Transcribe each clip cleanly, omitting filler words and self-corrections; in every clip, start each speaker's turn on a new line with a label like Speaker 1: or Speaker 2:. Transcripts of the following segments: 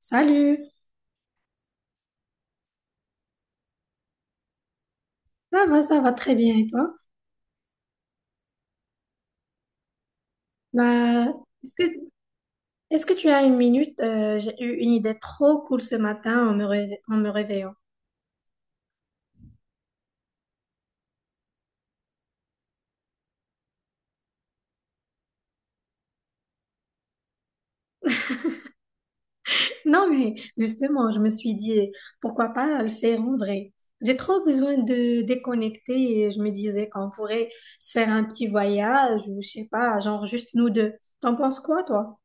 Speaker 1: Salut, ça va très bien et toi? Bah, est-ce que, est-ce que tu as une minute? J'ai eu une idée trop cool ce matin en en me réveillant. Non, mais justement, je me suis dit, pourquoi pas le faire en vrai? J'ai trop besoin de déconnecter et je me disais qu'on pourrait se faire un petit voyage ou je sais pas, genre juste nous deux. T'en penses quoi, toi?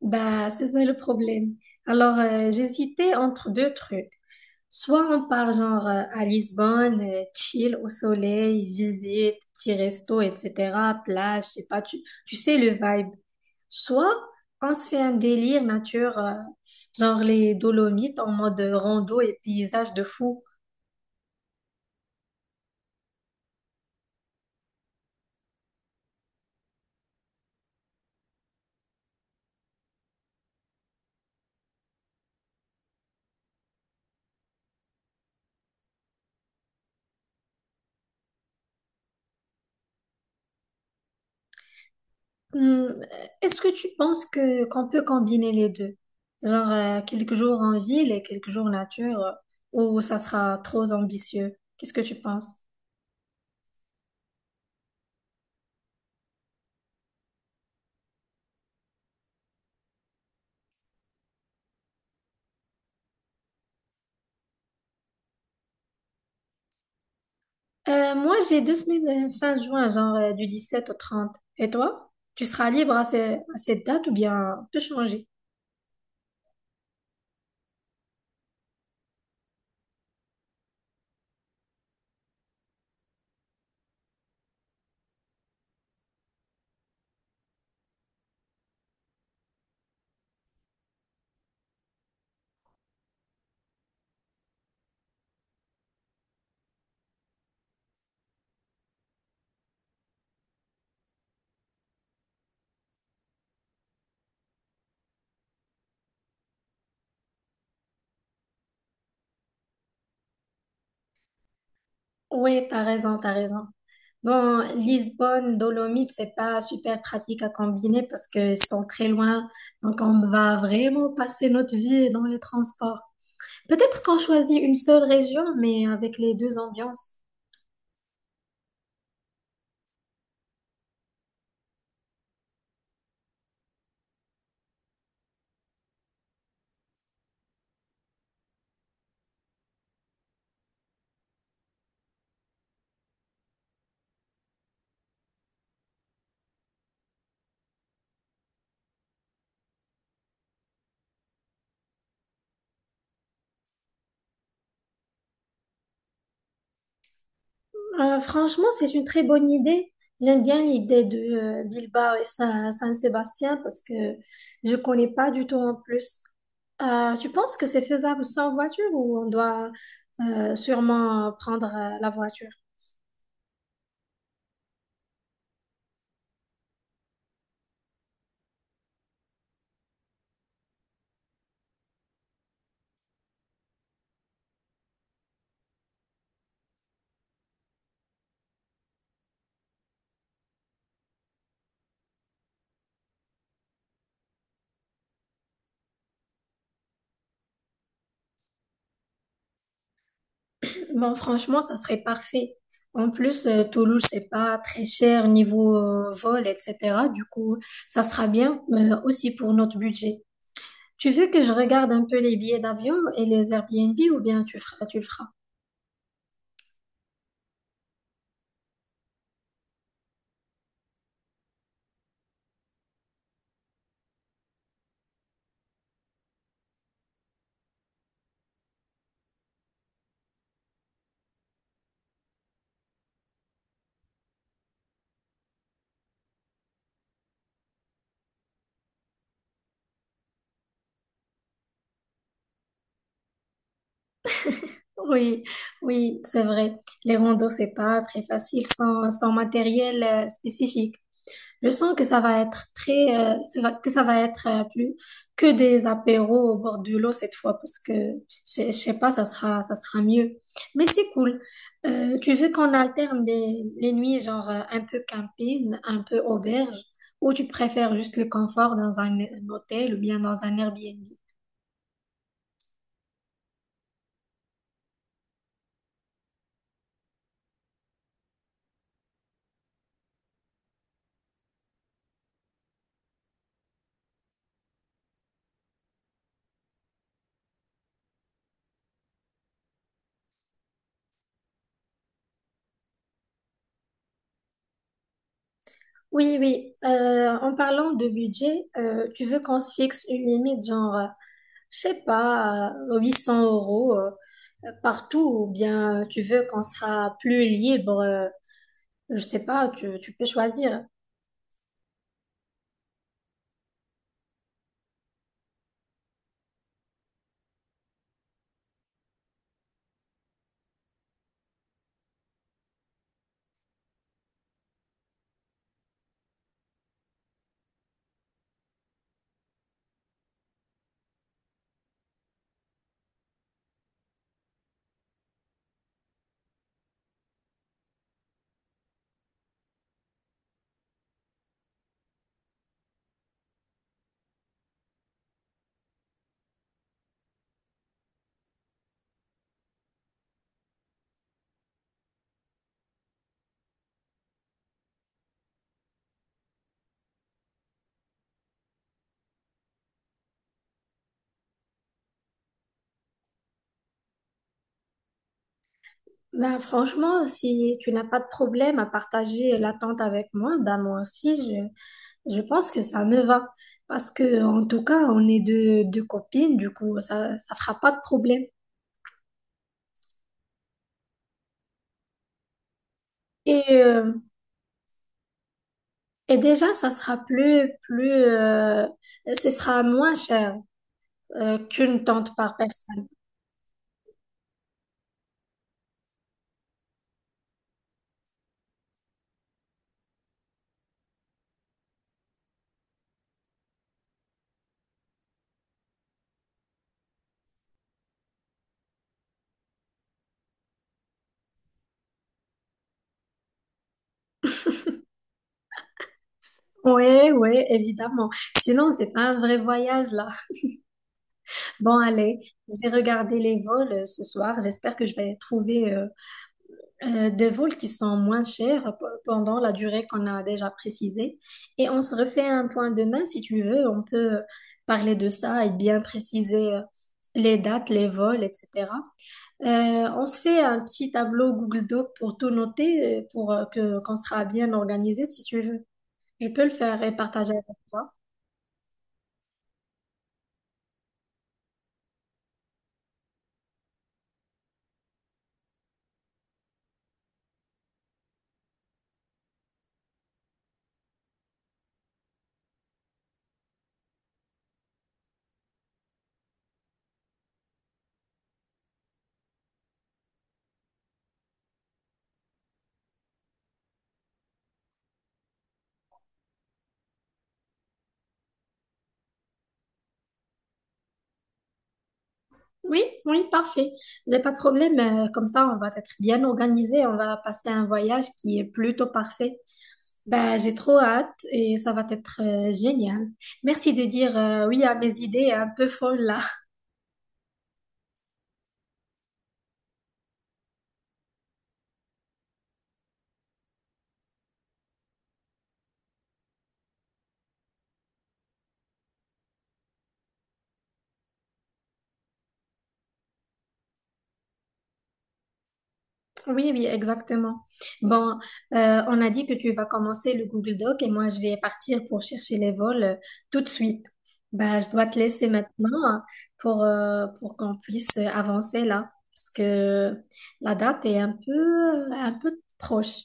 Speaker 1: Bah, c'est ça le problème. Alors, j'hésitais entre deux trucs. Soit on part genre à Lisbonne, chill au soleil, visite, petit resto, etc., plage, je sais pas, tu sais le vibe. Soit on se fait un délire nature, genre les Dolomites en mode rando et paysage de fou. Hmm, est-ce que tu penses que qu'on peut combiner les deux? Genre quelques jours en ville et quelques jours nature, ou ça sera trop ambitieux? Qu'est-ce que tu penses? Moi, j'ai deux semaines fin juin, genre du 17 au 30. Et toi? Tu seras libre à cette date ou bien peut changer? Oui, t'as raison, t'as raison. Bon, Lisbonne, Dolomites, c'est pas super pratique à combiner parce qu'ils sont très loin. Donc, on va vraiment passer notre vie dans les transports. Peut-être qu'on choisit une seule région, mais avec les deux ambiances. Franchement, c'est une très bonne idée. J'aime bien l'idée de Bilbao et San-Sébastien parce que je connais pas du tout en plus. Tu penses que c'est faisable sans voiture ou on doit sûrement prendre la voiture? Bon, franchement, ça serait parfait. En plus, Toulouse, c'est pas très cher niveau vol, etc. Du coup, ça sera bien, aussi pour notre budget. Tu veux que je regarde un peu les billets d'avion et les Airbnb ou bien tu le feras? Oui, oui, c'est vrai. Les randos, c'est pas très facile sans matériel spécifique. Je sens que ça va être que ça va être plus que des apéros au bord de l'eau cette fois parce que je sais pas, ça sera mieux. Mais c'est cool. Tu veux qu'on alterne les nuits genre un peu camping, un peu auberge, ou tu préfères juste le confort dans un hôtel ou bien dans un Airbnb? Oui, oui. En parlant de budget, tu veux qu'on se fixe une limite, genre, je sais pas, 800 euros partout, ou bien tu veux qu'on sera plus libre, je sais pas, tu peux choisir. Ben, franchement, si tu n'as pas de problème à partager l'attente avec moi, ben moi aussi, je pense que ça me va. Parce que, en tout cas, on est deux, deux copines, du coup, ça fera pas de problème. Et euh, Et déjà, ça sera ce sera moins cher qu'une tente par personne. Oui, oui, évidemment. Sinon, c'est pas un vrai voyage là. Bon, allez, je vais regarder les vols ce soir. J'espère que je vais trouver des vols qui sont moins chers pendant la durée qu'on a déjà précisée. Et on se refait un point demain, si tu veux, on peut parler de ça et bien préciser les dates, les vols, etc. On se fait un petit tableau Google Doc pour tout noter, pour que qu'on sera bien organisé, si tu veux. Je peux le faire et partager avec toi. Oui, oui, parfait. J'ai pas de problème. Comme ça, on va être bien organisé. On va passer un voyage qui est plutôt parfait. Bah, j'ai trop hâte et ça va être génial. Merci de dire oui à mes idées un peu folles là. Oui, oui, exactement. Bon, on a dit que tu vas commencer le Google Doc et moi je vais partir pour chercher les vols tout de suite. Bah, je dois te laisser maintenant hein, pour qu'on puisse avancer là parce que la date est un peu proche.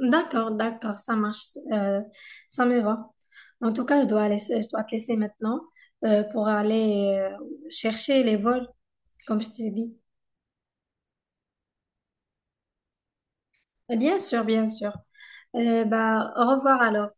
Speaker 1: D'accord, d'accord, ça marche, ça me va. En tout cas, je dois te laisser maintenant pour aller chercher les vols, comme je t'ai dit. Et bien sûr, bien sûr. Bah, au revoir alors.